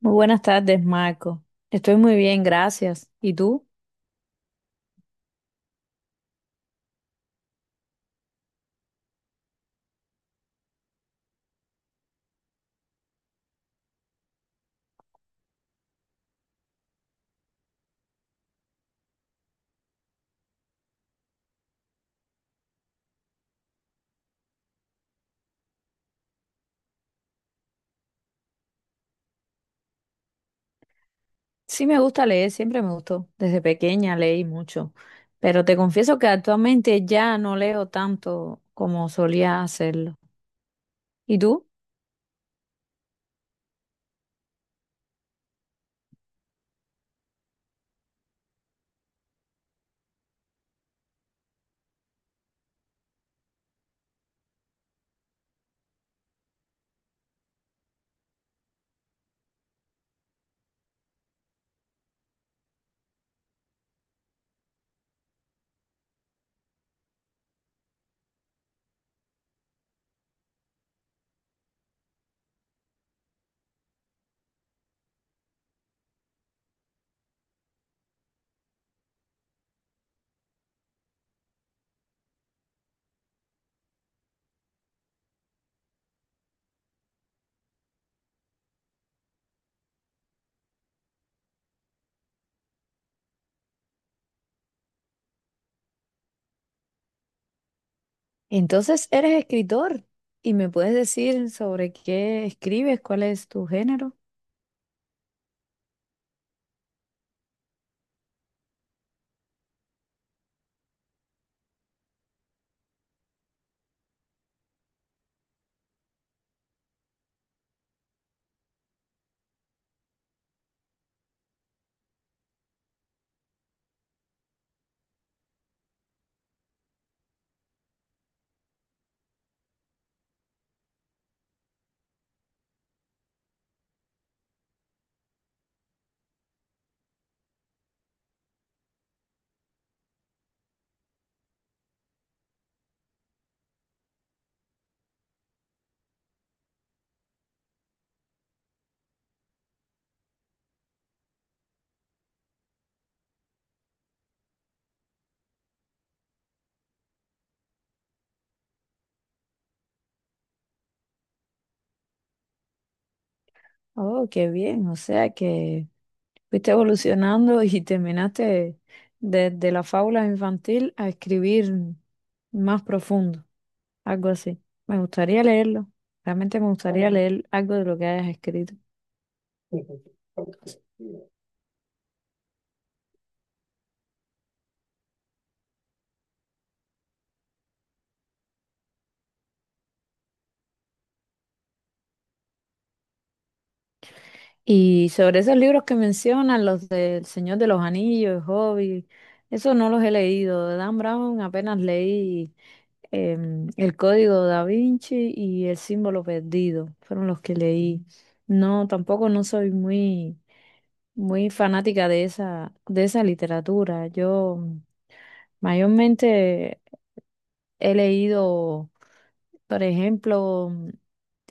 Muy buenas tardes, Marco. Estoy muy bien, gracias. ¿Y tú? Sí, me gusta leer, siempre me gustó. Desde pequeña leí mucho, pero te confieso que actualmente ya no leo tanto como solía hacerlo. ¿Y tú? Entonces eres escritor y me puedes decir sobre qué escribes, cuál es tu género. Oh, qué bien, o sea que fuiste evolucionando y terminaste desde la fábula infantil a escribir más profundo. Algo así. Me gustaría leerlo, realmente me gustaría leer algo de lo que hayas escrito. Y sobre esos libros que mencionan, los del Señor de los Anillos, el Hobbit, eso no los he leído. De Dan Brown apenas leí El Código da Vinci y El Símbolo Perdido, fueron los que leí. No, tampoco no soy muy fanática de de esa literatura. Yo mayormente he leído, por ejemplo,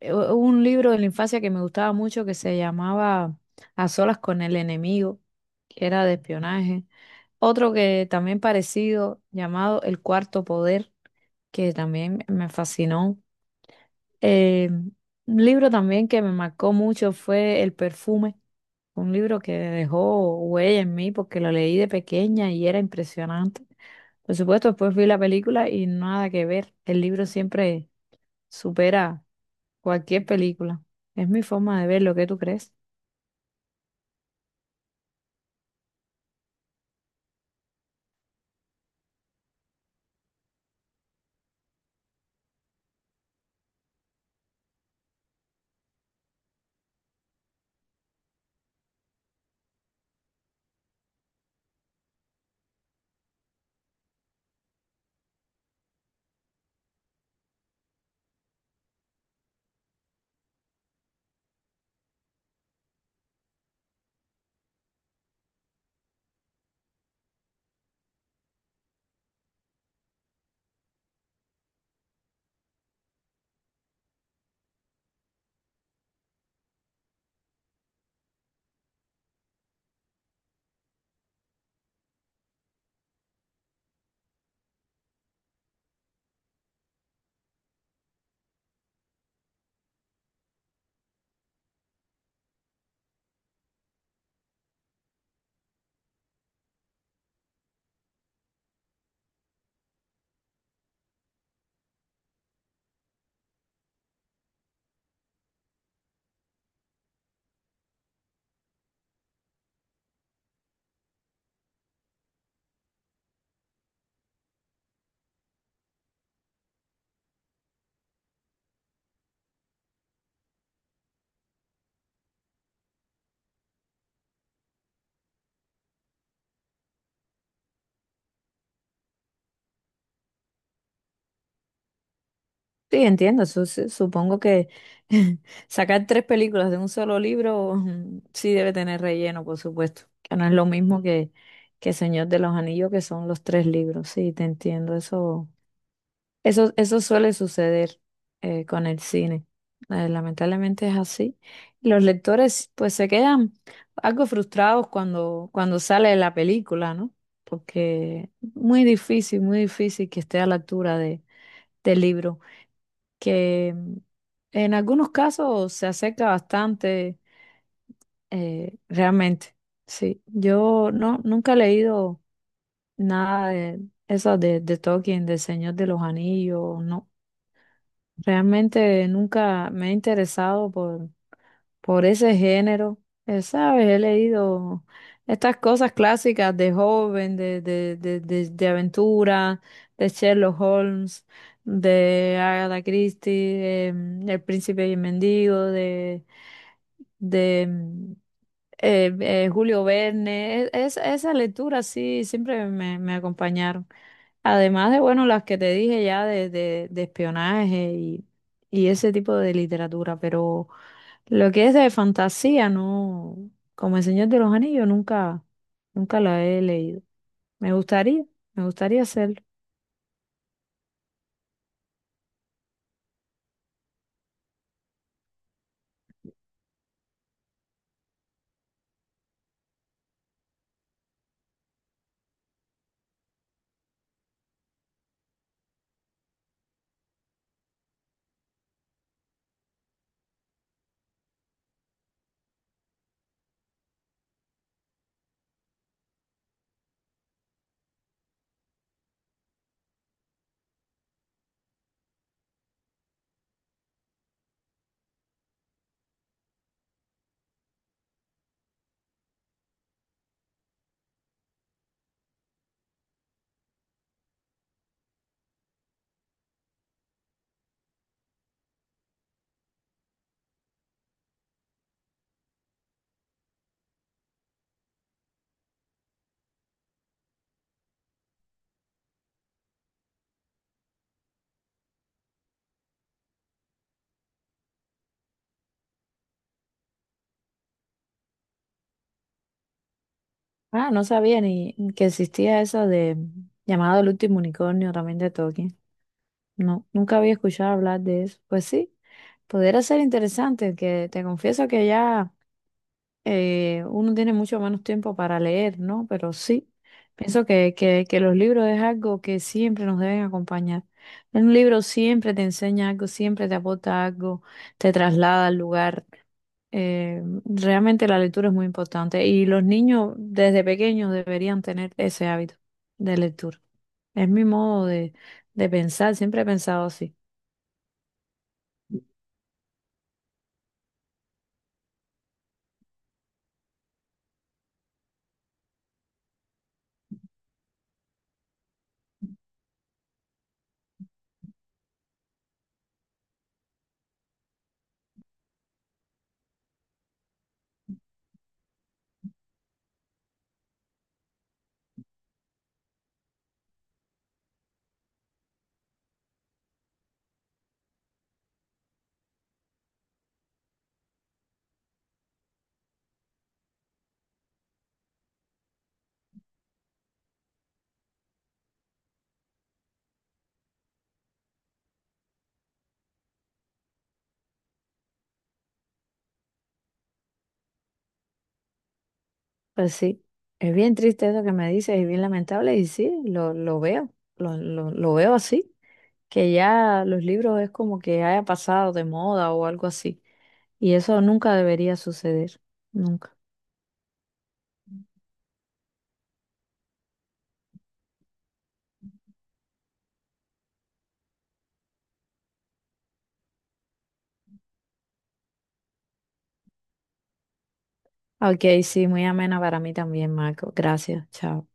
un libro de la infancia que me gustaba mucho que se llamaba A solas con el enemigo, que era de espionaje. Otro que también parecido, llamado El Cuarto Poder, que también me fascinó. Eh, un libro también que me marcó mucho fue El Perfume, un libro que dejó huella en mí porque lo leí de pequeña y era impresionante. Por supuesto, después vi la película y nada que ver. El libro siempre supera cualquier película. Es mi forma de ver lo que tú crees. Sí, entiendo. Supongo que sacar tres películas de un solo libro sí debe tener relleno, por supuesto. Que no es lo mismo que Señor de los Anillos, que son los tres libros. Sí, te entiendo. Eso. Eso suele suceder con el cine. Lamentablemente es así. Los lectores pues se quedan algo frustrados cuando sale la película, ¿no? Porque muy difícil que esté a la altura del libro, que en algunos casos se acerca bastante realmente. Sí, yo no, nunca he leído nada de eso de Tolkien, del Señor de los Anillos, no. Realmente nunca me he interesado por ese género. ¿Sabes? He leído estas cosas clásicas de joven, de aventura, de Sherlock Holmes, de Agatha Christie, El Príncipe y el Mendigo, de em, Julio Verne. Esa lectura sí siempre me, me acompañaron. Además de, bueno, las que te dije ya de espionaje y ese tipo de literatura, pero lo que es de fantasía, no, como El Señor de los Anillos, nunca, nunca la he leído. Me gustaría, me gustaría hacerlo. Ah, no sabía ni que existía eso de llamado El Último Unicornio también de Tolkien. No, nunca había escuchado hablar de eso. Pues sí, pudiera ser interesante, que te confieso que ya... Uno tiene mucho menos tiempo para leer, ¿no? Pero sí, pienso que los libros es algo que siempre nos deben acompañar. Un libro siempre te enseña algo, siempre te aporta algo, te traslada al lugar. Realmente la lectura es muy importante y los niños desde pequeños deberían tener ese hábito de lectura. Es mi modo de pensar, siempre he pensado así. Pues sí, es bien triste eso que me dices, es bien lamentable y sí, lo veo, lo veo así, que ya los libros es como que haya pasado de moda o algo así, y eso nunca debería suceder, nunca. Ok, sí, muy amena para mí también, Marco. Gracias, chao.